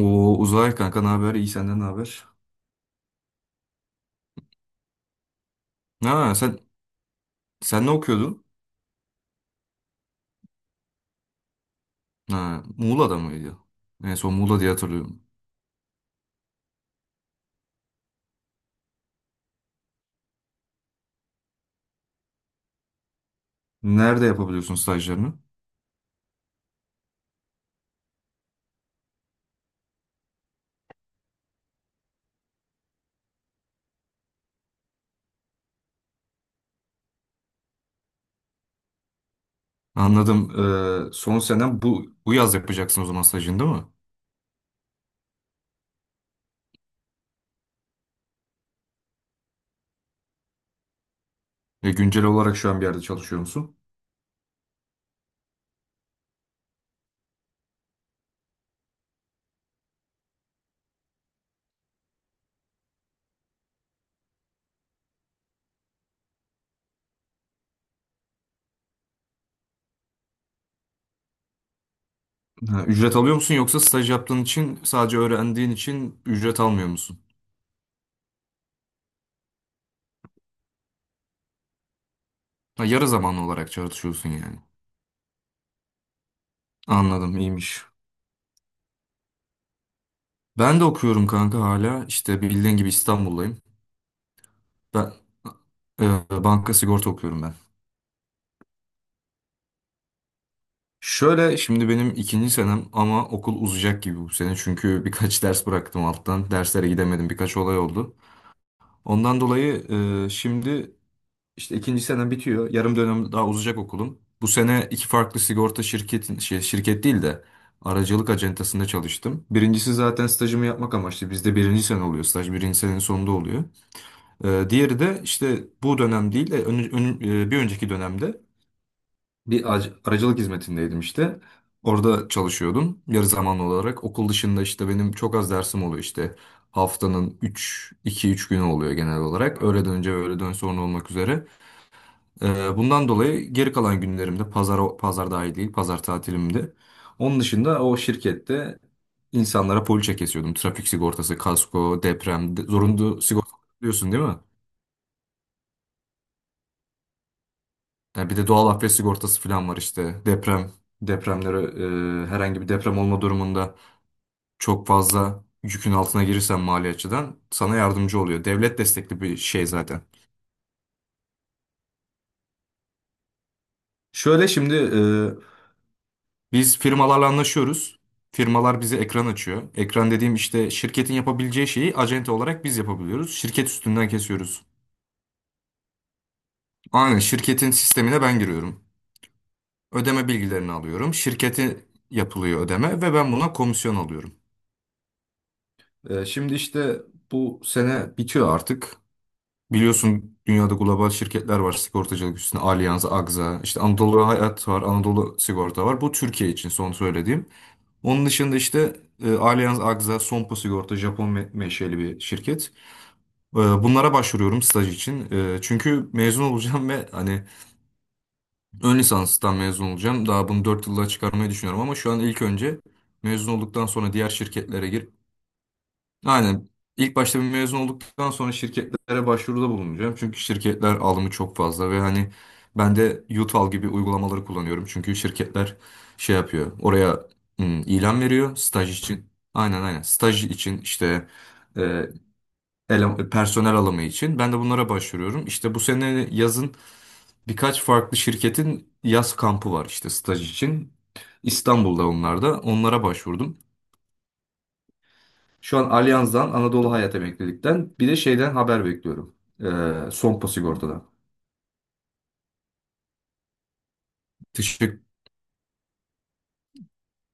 Oo Uzay kanka, ne haber? İyi, senden ne haber? Ha sen ne okuyordun? Ha, Muğla'da mıydı? En son Muğla diye hatırlıyorum. Nerede yapabiliyorsun stajlarını? Anladım. Son senen bu yaz yapacaksın o zaman, stajını değil mi? Ve güncel olarak şu an bir yerde çalışıyor musun? Ha, ücret alıyor musun yoksa staj yaptığın için, sadece öğrendiğin için ücret almıyor musun? Ha, yarı zamanlı olarak çalışıyorsun yani. Anladım, iyiymiş. Ben de okuyorum kanka hala. İşte bildiğin gibi İstanbul'dayım. Ben e, banka sigorta okuyorum ben. Şöyle şimdi benim ikinci senem ama okul uzayacak gibi bu sene. Çünkü birkaç ders bıraktım alttan. Derslere gidemedim. Birkaç olay oldu. Ondan dolayı şimdi işte ikinci senem bitiyor. Yarım dönem daha uzayacak okulum. Bu sene iki farklı sigorta şirketin şey, şirket değil de aracılık acentasında çalıştım. Birincisi zaten stajımı yapmak amaçlı. Bizde birinci sene oluyor. Staj birinci senenin sonunda oluyor. Diğeri de işte bu dönem değil de bir önceki dönemde bir aracılık hizmetindeydim işte. Orada çalışıyordum yarı zamanlı olarak. Okul dışında işte benim çok az dersim oluyor işte. Haftanın üç iki üç günü oluyor genel olarak, öğleden önce ve öğleden sonra olmak üzere. Bundan dolayı geri kalan günlerimde, pazar, pazar dahil değil, pazar tatilimde. Onun dışında o şirkette insanlara poliçe kesiyordum. Trafik sigortası, kasko, deprem, zorunlu sigorta biliyorsun değil mi? Yani bir de doğal afet sigortası falan var işte. Depremlere, herhangi bir deprem olma durumunda çok fazla yükün altına girirsen mali açıdan sana yardımcı oluyor. Devlet destekli bir şey zaten. Şöyle şimdi, biz firmalarla anlaşıyoruz. Firmalar bize ekran açıyor. Ekran dediğim işte şirketin yapabileceği şeyi acente olarak biz yapabiliyoruz. Şirket üstünden kesiyoruz. Aynen, şirketin sistemine ben giriyorum. Ödeme bilgilerini alıyorum. Şirketi yapılıyor ödeme ve ben buna komisyon alıyorum. Şimdi işte bu sene bitiyor artık. Biliyorsun dünyada global şirketler var sigortacılık üstüne. Allianz, Agza, işte Anadolu Hayat var, Anadolu Sigorta var. Bu Türkiye için son söylediğim. Onun dışında işte Allianz, Agza, Sompo Sigorta, Japon menşeli bir şirket. Bunlara başvuruyorum staj için. Çünkü mezun olacağım ve hani ön lisanstan mezun olacağım. Daha bunu 4 yılda çıkarmayı düşünüyorum ama şu an ilk önce mezun olduktan sonra diğer şirketlere girip. Aynen, İlk başta bir mezun olduktan sonra şirketlere başvuruda bulunacağım. Çünkü şirketler alımı çok fazla ve hani ben de Yutal gibi uygulamaları kullanıyorum. Çünkü şirketler şey yapıyor. Oraya ilan veriyor staj için. Aynen aynen. Staj için işte e, personel alımı için. Ben de bunlara başvuruyorum. İşte bu sene yazın birkaç farklı şirketin yaz kampı var işte staj için. İstanbul'da onlar da. Onlara başvurdum. Şu an Allianz'dan, Anadolu Hayat Emeklilik'ten bir de şeyden haber bekliyorum. Sompo Sigorta'dan. Teşekkür.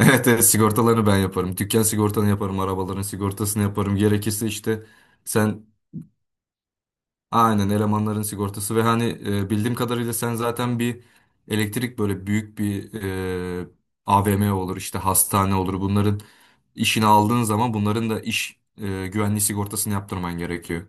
Evet, evet, sigortalarını ben yaparım. Dükkan sigortanı yaparım. Arabaların sigortasını yaparım. Gerekirse işte sen aynen elemanların sigortası ve hani bildiğim kadarıyla sen zaten bir elektrik böyle büyük bir, e, AVM olur işte hastane olur. Bunların işini aldığın zaman bunların da iş güvenliği sigortasını yaptırman gerekiyor.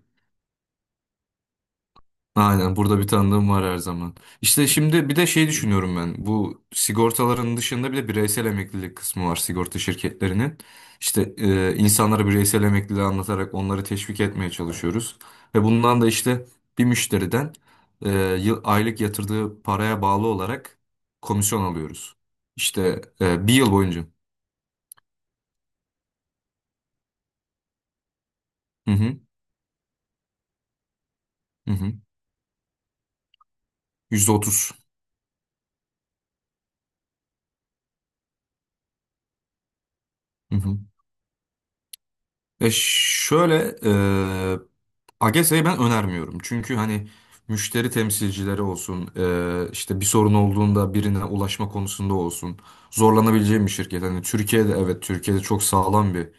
Aynen, burada bir tanıdığım var her zaman. İşte şimdi bir de şey düşünüyorum ben. Bu sigortaların dışında bir de bireysel emeklilik kısmı var sigorta şirketlerinin. İşte insanlara bireysel emekliliği anlatarak onları teşvik etmeye çalışıyoruz. Ve bundan da işte bir müşteriden e, aylık yatırdığı paraya bağlı olarak komisyon alıyoruz. İşte bir yıl boyunca. Hı hı, hı hı. %30. E şöyle e, AGS'yi ben önermiyorum. Çünkü hani müşteri temsilcileri olsun, işte bir sorun olduğunda birine ulaşma konusunda olsun, zorlanabileceğim bir şirket. Hani Türkiye'de, evet, Türkiye'de çok sağlam bir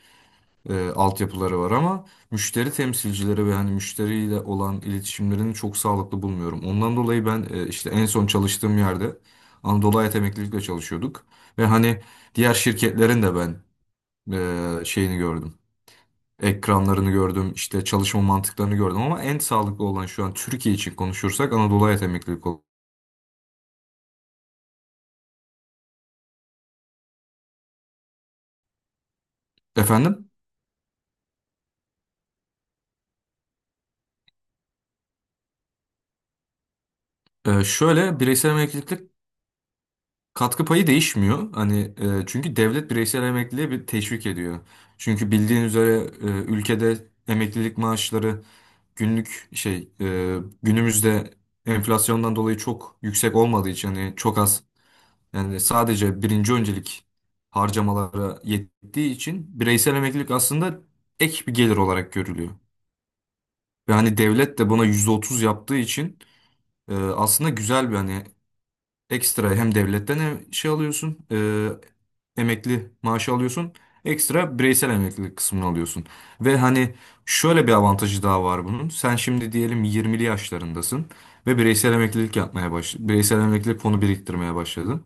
altyapıları var ama müşteri temsilcileri ve hani müşteriyle olan iletişimlerini çok sağlıklı bulmuyorum. Ondan dolayı ben işte en son çalıştığım yerde Anadolu Hayat Emeklilikle çalışıyorduk ve hani diğer şirketlerin de ben şeyini gördüm, ekranlarını gördüm, işte çalışma mantıklarını gördüm ama en sağlıklı olan şu an Türkiye için konuşursak Anadolu Hayat Emeklilik olur. Efendim. Şöyle bireysel emeklilik katkı payı değişmiyor. Hani çünkü devlet bireysel emekliliğe bir teşvik ediyor. Çünkü bildiğin üzere ülkede emeklilik maaşları günlük şey, günümüzde enflasyondan dolayı çok yüksek olmadığı için hani çok az. Yani sadece birinci öncelik harcamalara yettiği için bireysel emeklilik aslında ek bir gelir olarak görülüyor. Ve hani devlet de buna %30 yaptığı için aslında güzel bir, hani, ekstra, hem devletten hem şey alıyorsun, emekli maaşı alıyorsun, ekstra bireysel emeklilik kısmını alıyorsun. Ve hani şöyle bir avantajı daha var bunun. Sen şimdi diyelim 20'li yaşlarındasın ve bireysel emeklilik yapmaya baş bireysel emeklilik fonu biriktirmeye başladın.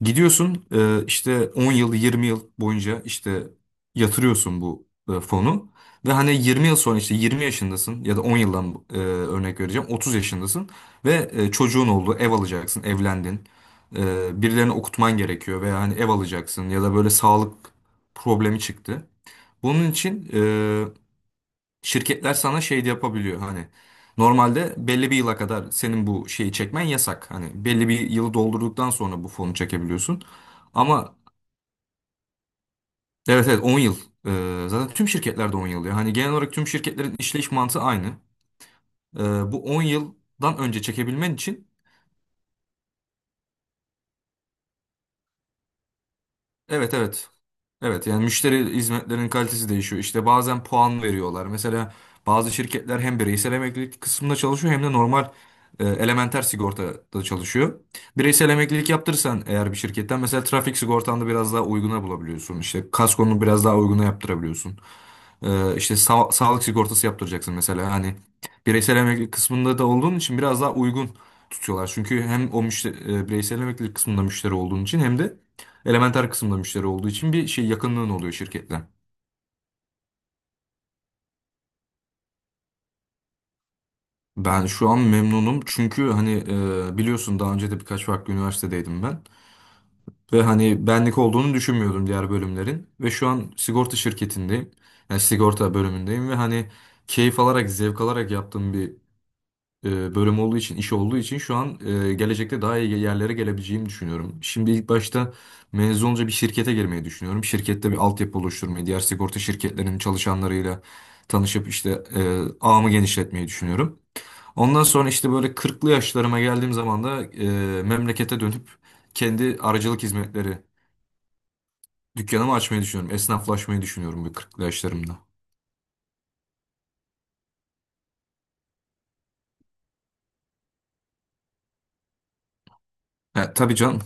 Gidiyorsun, işte 10 yıl 20 yıl boyunca işte yatırıyorsun bu fonu ve hani 20 yıl sonra işte 20 yaşındasın ya da 10 yıldan, örnek vereceğim, 30 yaşındasın ve çocuğun oldu, ev alacaksın, evlendin. Birilerini okutman gerekiyor veya hani ev alacaksın ya da böyle sağlık problemi çıktı. Bunun için şirketler sana şey de yapabiliyor hani normalde belli bir yıla kadar senin bu şeyi çekmen yasak. Hani belli bir yılı doldurduktan sonra bu fonu çekebiliyorsun. Ama evet evet, 10 yıl. Zaten tüm şirketlerde 10 yıl ya. Hani genel olarak tüm şirketlerin işleyiş mantığı aynı. Ee, Bu 10 yıldan önce çekebilmen için. Evet evet. Evet yani müşteri hizmetlerinin kalitesi değişiyor. İşte bazen puan veriyorlar. Mesela bazı şirketler hem bireysel emeklilik kısmında çalışıyor hem de normal elementer sigortada çalışıyor. Bireysel emeklilik yaptırırsan eğer bir şirketten, mesela trafik sigortanda biraz daha uyguna bulabiliyorsun. İşte kaskonunu biraz daha uyguna yaptırabiliyorsun. İşte sağlık sigortası yaptıracaksın mesela hani bireysel emeklilik kısmında da olduğun için biraz daha uygun tutuyorlar. Çünkü hem o müşteri, bireysel emeklilik kısmında müşteri olduğun için hem de elementer kısmında müşteri olduğu için bir şey yakınlığın oluyor şirketle. Ben şu an memnunum çünkü hani, biliyorsun daha önce de birkaç farklı üniversitedeydim ben. Ve hani benlik olduğunu düşünmüyordum diğer bölümlerin. Ve şu an sigorta şirketindeyim. Yani sigorta bölümündeyim ve hani keyif alarak, zevk alarak yaptığım bir bölüm olduğu için, iş olduğu için şu an gelecekte daha iyi yerlere gelebileceğimi düşünüyorum. Şimdi ilk başta mezun olunca bir şirkete girmeyi düşünüyorum. Şirkette bir altyapı oluşturmayı, diğer sigorta şirketlerinin çalışanlarıyla tanışıp işte ağımı genişletmeyi düşünüyorum. Ondan sonra işte böyle kırklı yaşlarıma geldiğim zaman da memlekete dönüp kendi aracılık hizmetleri dükkanımı açmayı düşünüyorum. Esnaflaşmayı düşünüyorum bu kırklı yaşlarımda. Tabii canım.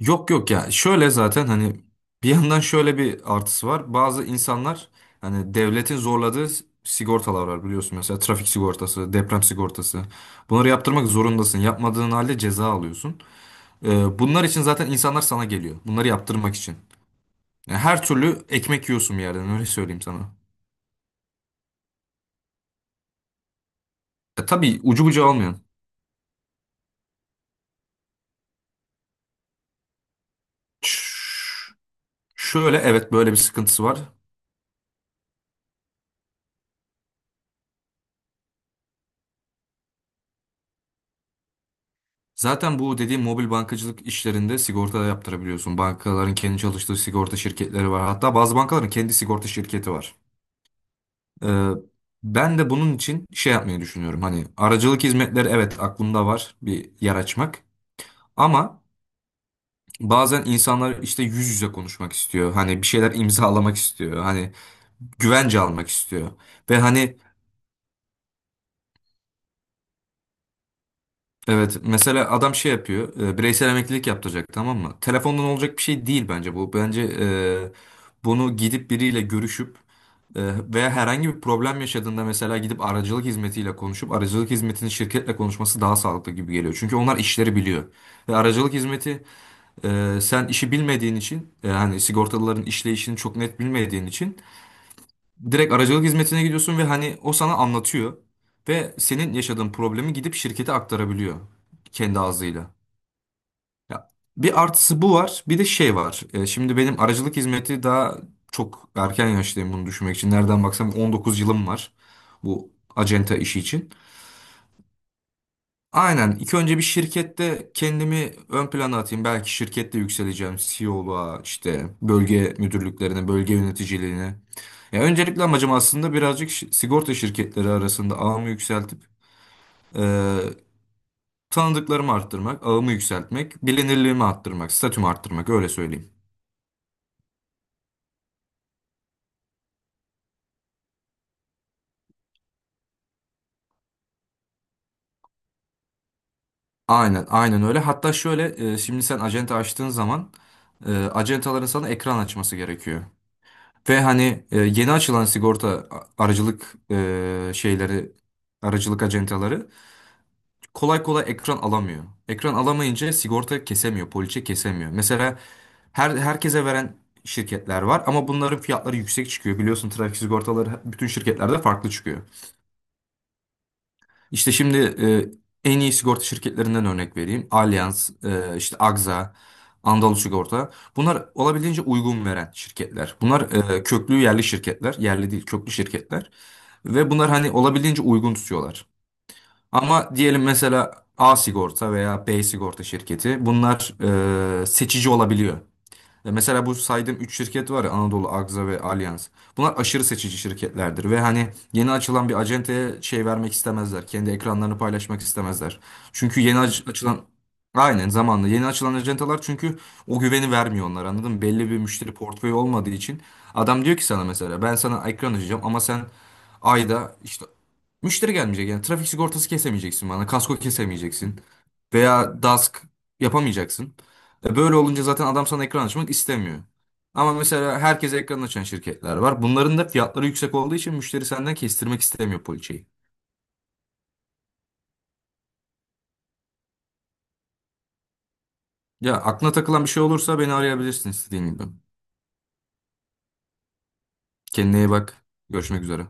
Yok yok ya, şöyle zaten hani bir yandan şöyle bir artısı var. Bazı insanlar hani devletin zorladığı sigortalar var biliyorsun, mesela trafik sigortası, deprem sigortası. Bunları yaptırmak zorundasın. Yapmadığın halde ceza alıyorsun. Bunlar için zaten insanlar sana geliyor, bunları yaptırmak için. Yani her türlü ekmek yiyorsun bir yerden, öyle söyleyeyim sana. Tabii, ucu bucağı olmayan. Ş- Şöyle evet, böyle bir sıkıntısı var. Zaten bu dediğim mobil bankacılık işlerinde sigorta da yaptırabiliyorsun. Bankaların kendi çalıştığı sigorta şirketleri var. Hatta bazı bankaların kendi sigorta şirketi var. Ee, Ben de bunun için şey yapmayı düşünüyorum. Hani aracılık hizmetleri, evet, aklımda var bir yer açmak. Ama bazen insanlar işte yüz yüze konuşmak istiyor. Hani bir şeyler imzalamak istiyor. Hani güvence almak istiyor. Ve hani. Evet, mesela adam şey yapıyor, bireysel emeklilik yaptıracak, tamam mı? Telefondan olacak bir şey değil bence bu. Bence bunu gidip biriyle görüşüp, e, veya herhangi bir problem yaşadığında mesela gidip aracılık hizmetiyle konuşup aracılık hizmetinin şirketle konuşması daha sağlıklı gibi geliyor. Çünkü onlar işleri biliyor. Ve aracılık hizmeti, sen işi bilmediğin için, hani sigortalıların işleyişini çok net bilmediğin için direkt aracılık hizmetine gidiyorsun ve hani o sana anlatıyor ve senin yaşadığın problemi gidip şirkete aktarabiliyor kendi ağzıyla. Ya, bir artısı bu var, bir de şey var. Şimdi benim aracılık hizmeti daha çok erken yaştayım bunu düşünmek için. Nereden baksam 19 yılım var bu acenta işi için. Aynen. İlk önce bir şirkette kendimi ön plana atayım. Belki şirkette yükseleceğim. CEO'luğa, işte bölge müdürlüklerine, bölge yöneticiliğine. Ya öncelikle amacım aslında birazcık sigorta şirketleri arasında ağımı yükseltip, e, tanıdıklarımı arttırmak, ağımı yükseltmek, bilinirliğimi arttırmak, statümü arttırmak, öyle söyleyeyim. Aynen, aynen öyle. Hatta şöyle, şimdi sen acente açtığın zaman acentaların sana ekran açması gerekiyor. Ve hani, yeni açılan sigorta aracılık şeyleri, aracılık acentaları kolay kolay ekran alamıyor. Ekran alamayınca sigorta kesemiyor, poliçe kesemiyor. Mesela herkese veren şirketler var ama bunların fiyatları yüksek çıkıyor. Biliyorsun trafik sigortaları bütün şirketlerde farklı çıkıyor. İşte şimdi, en iyi sigorta şirketlerinden örnek vereyim. Allianz, işte Agza, Anadolu Sigorta. Bunlar olabildiğince uygun veren şirketler. Bunlar köklü yerli şirketler. Yerli değil, köklü şirketler. Ve bunlar hani olabildiğince uygun tutuyorlar. Ama diyelim mesela A sigorta veya B sigorta şirketi, bunlar seçici olabiliyor. Mesela bu saydığım 3 şirket var ya, Anadolu, Agza ve Allianz. Bunlar aşırı seçici şirketlerdir ve hani yeni açılan bir acenteye şey vermek istemezler. Kendi ekranlarını paylaşmak istemezler. Çünkü yeni açılan, aynen, zamanla yeni açılan acentalar çünkü o güveni vermiyor onlar, anladın mı? Belli bir müşteri portföyü olmadığı için adam diyor ki sana, mesela, ben sana ekran açacağım ama sen ayda işte. Müşteri gelmeyecek yani, trafik sigortası kesemeyeceksin bana. Kasko kesemeyeceksin. Veya DASK yapamayacaksın. Böyle olunca zaten adam sana ekran açmak istemiyor. Ama mesela herkese ekran açan şirketler var. Bunların da fiyatları yüksek olduğu için müşteri senden kestirmek istemiyor poliçeyi. Ya aklına takılan bir şey olursa beni arayabilirsin istediğin gibi. Kendine iyi bak. Görüşmek üzere.